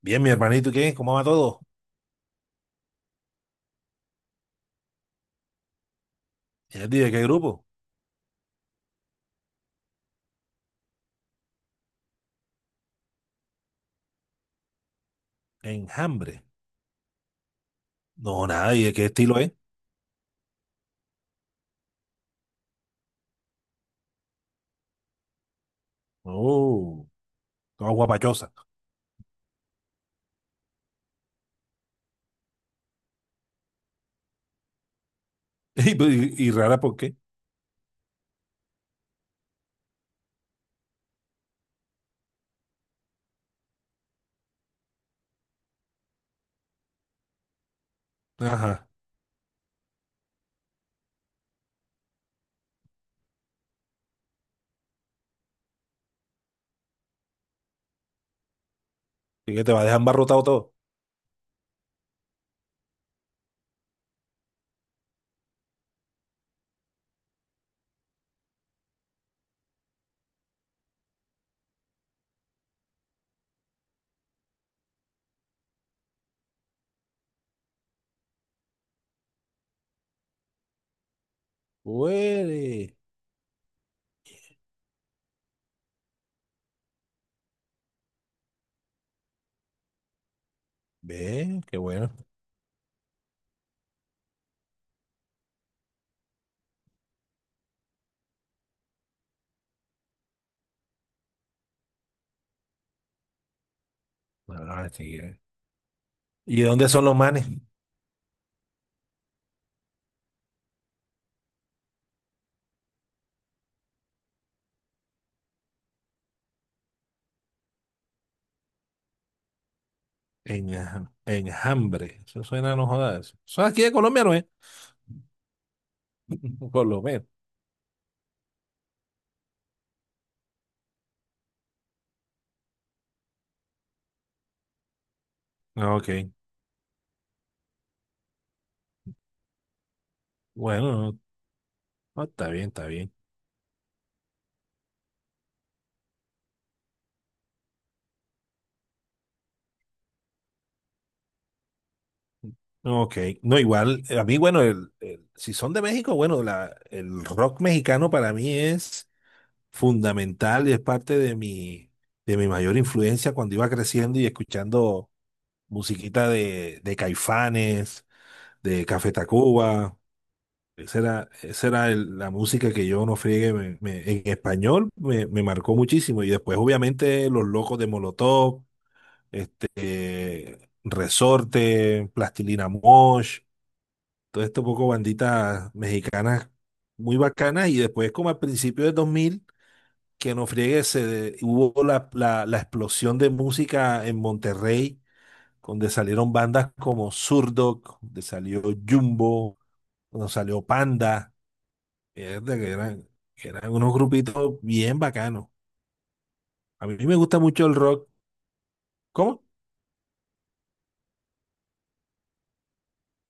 Bien, mi hermanito, ¿y qué? ¿Cómo va todo? ¿Y de qué grupo? Enjambre. No, nada, ¿y de qué estilo es? Oh, toda guapachosa. Y, pues, y rara, ¿por qué? Ajá. ¿Y que te va a dejar embarrotado todo? Huele. Ve, qué bueno. Ah, sí, eh. ¿Y de dónde son los manes? Enjambre. Eso suena, no jodas. Son aquí de Colombia, ¿no es? Por lo menos. Ah, ok. Bueno, no, no, está bien, está bien. Ok, no, igual, a mí, bueno, si son de México, bueno, el rock mexicano para mí es fundamental y es parte de mi mayor influencia cuando iba creciendo y escuchando musiquita de Caifanes, de Café Tacuba. Esa era la música que yo no friegue en español, me marcó muchísimo. Y después, obviamente, Los Locos de Molotov, este, Resorte, Plastilina Mosh, todo esto poco banditas mexicanas muy bacanas. Y después, como al principio de 2000, que no friegue, hubo la explosión de música en Monterrey, donde salieron bandas como Zurdok, donde salió Jumbo, donde salió Panda, mierda, que eran unos grupitos bien bacanos. A mí me gusta mucho el rock. ¿Cómo?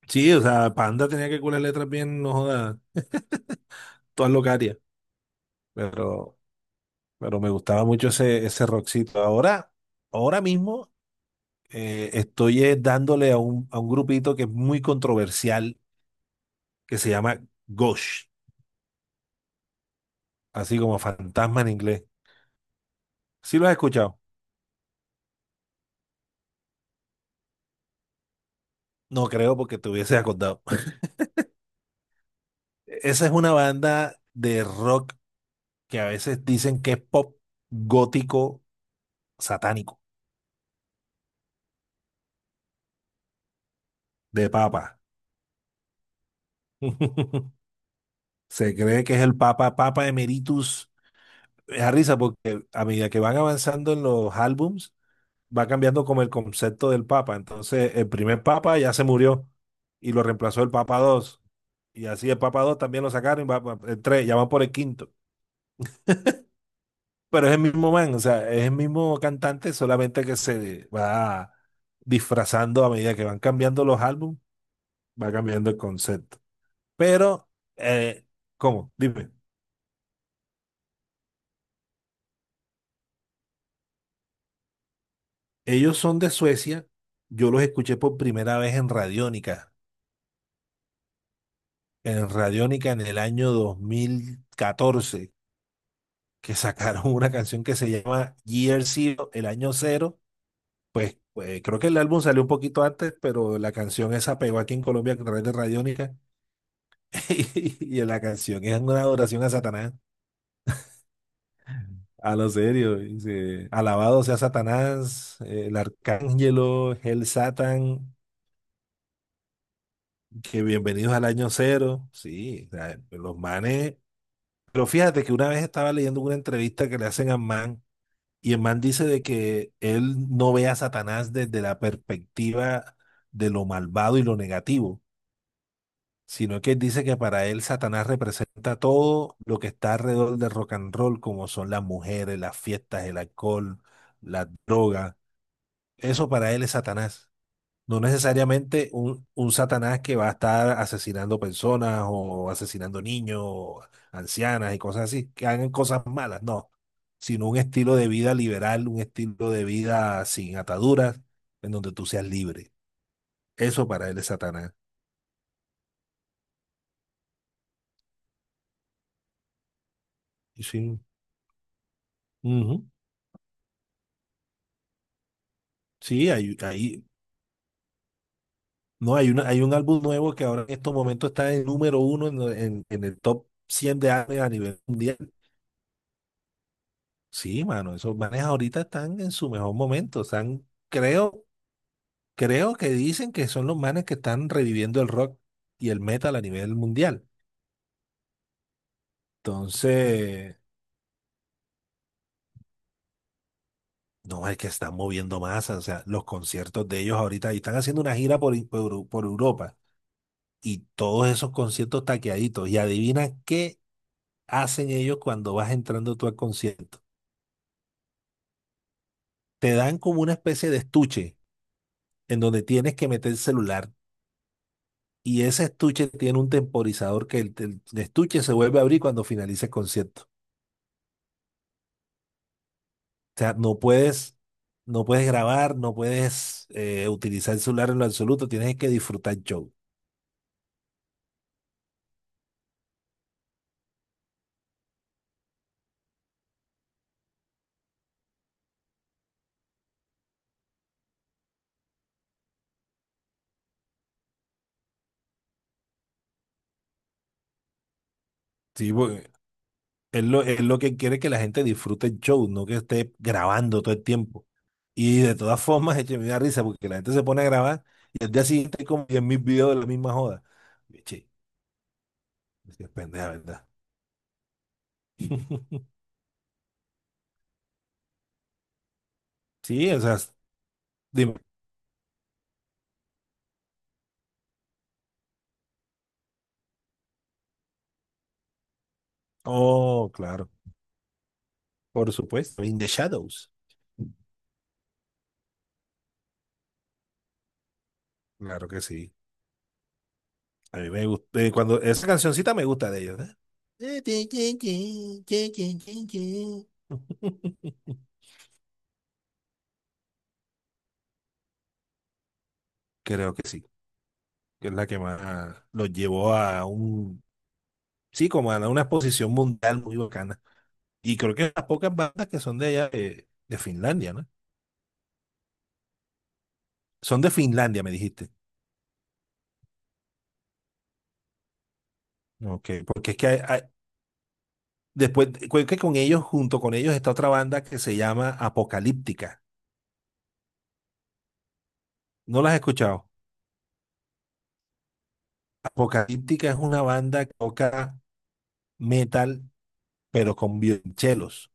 Sí, o sea, Panda tenía que curar letras bien, no jodas, todas locarias, pero... Pero me gustaba mucho ese rockcito. Ahora, ahora mismo, estoy, dándole a un grupito que es muy controversial, que se llama Ghost, así como fantasma en inglés. ¿Sí lo has escuchado? No creo porque te hubiese acordado. Esa es una banda de rock que a veces dicen que es pop gótico satánico, de papa. Se cree que es el papa, papa emeritus. Me da risa porque a medida que van avanzando en los álbums, va cambiando como el concepto del Papa. Entonces, el primer Papa ya se murió y lo reemplazó el Papa dos. Y así, el Papa 2 también lo sacaron, y va, el tres, ya van por el quinto. Pero es el mismo man, o sea, es el mismo cantante, solamente que se va disfrazando a medida que van cambiando los álbumes, va cambiando el concepto. Pero, eh, ¿cómo? Dime, ellos son de Suecia, yo los escuché por primera vez en Radiónica, en Radiónica en el año 2014, que sacaron una canción que se llama Year Zero, el año cero. Pues creo que el álbum salió un poquito antes, pero la canción esa pegó aquí en Colombia a través de Radiónica. Y la canción es una adoración a Satanás. A lo serio, dice, alabado sea Satanás, el arcángelo, el Satan que bienvenidos al año cero. Sí, o sea, los manes. Pero fíjate que una vez estaba leyendo una entrevista que le hacen a Man. Y el man dice de que él no ve a Satanás desde la perspectiva de lo malvado y lo negativo, sino que él dice que para él Satanás representa todo lo que está alrededor del rock and roll, como son las mujeres, las fiestas, el alcohol, las drogas. Eso para él es Satanás. No necesariamente un Satanás que va a estar asesinando personas o asesinando niños, o ancianas y cosas así, que hagan cosas malas, no, sino un estilo de vida liberal, un estilo de vida sin ataduras, en donde tú seas libre. Eso para él es Satanás. Y sí, ujú. Sí, hay- no, hay, una, hay un álbum nuevo que ahora, en estos momentos, está en número uno en, en el top 100 de álbumes a nivel mundial. Sí, mano, esos manes ahorita están en su mejor momento, están, creo. Creo que dicen que son los manes que están reviviendo el rock y el metal a nivel mundial. Entonces, no es que están moviendo masas. O sea, los conciertos de ellos ahorita, y están haciendo una gira por, por Europa, y todos esos conciertos taqueaditos. Y adivina qué hacen ellos cuando vas entrando tú al concierto. Te dan como una especie de estuche en donde tienes que meter el celular. Y ese estuche tiene un temporizador, que el estuche se vuelve a abrir cuando finalice el concierto. O sea, no puedes grabar, no puedes, utilizar el celular en lo absoluto, tienes que disfrutar el show. Sí, porque es lo que quiere, que la gente disfrute el show, no que esté grabando todo el tiempo. Y de todas formas, eche, me da risa porque la gente se pone a grabar y al día siguiente hay como 10.000 videos de la misma joda. Che, es pendeja, ¿verdad? Sí, o sea, dime. Oh, claro, por supuesto. In the Shadows. Claro que sí. A mí me gusta, cuando esa cancioncita me gusta de ellos, ¿eh? Creo que sí, que es la que más los llevó a un, sí, como a una exposición mundial muy bacana. Y creo que las pocas bandas que son de allá, de Finlandia, ¿no? Son de Finlandia, me dijiste. Ok, porque es que hay- después, creo que con ellos, junto con ellos, está otra banda que se llama Apocalíptica. ¿No las has escuchado? Apocalíptica es una banda que toca metal pero con violonchelos,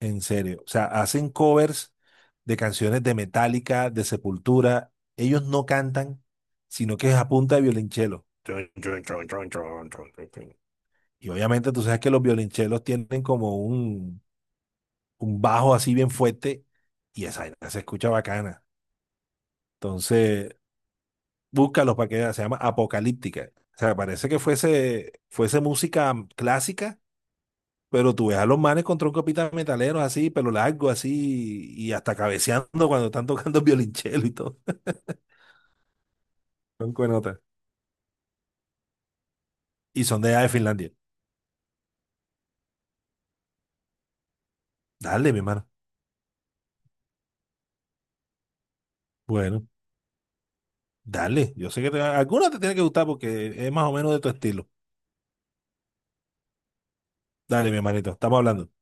en serio. O sea, hacen covers de canciones de Metallica, de Sepultura. Ellos no cantan, sino que es a punta de violonchelo. Chun, chun, chun, chun, chun, chun, chun, chun. Y obviamente tú sabes que los violonchelos tienen como un bajo así bien fuerte, y esa vaina se escucha bacana. Entonces, búscalos para que veas, se llama Apocalíptica. O sea, parece que fuese música clásica. Pero tú ves a los manes con un capitán metalero así, pelo largo así, y hasta cabeceando cuando están tocando violonchelo y todo. Son cuenotas. Y son de allá de Finlandia. Dale, mi hermano. Bueno, dale. Yo sé que te, alguna te tiene que gustar porque es más o menos de tu estilo. Dale, mi hermanito. Estamos hablando.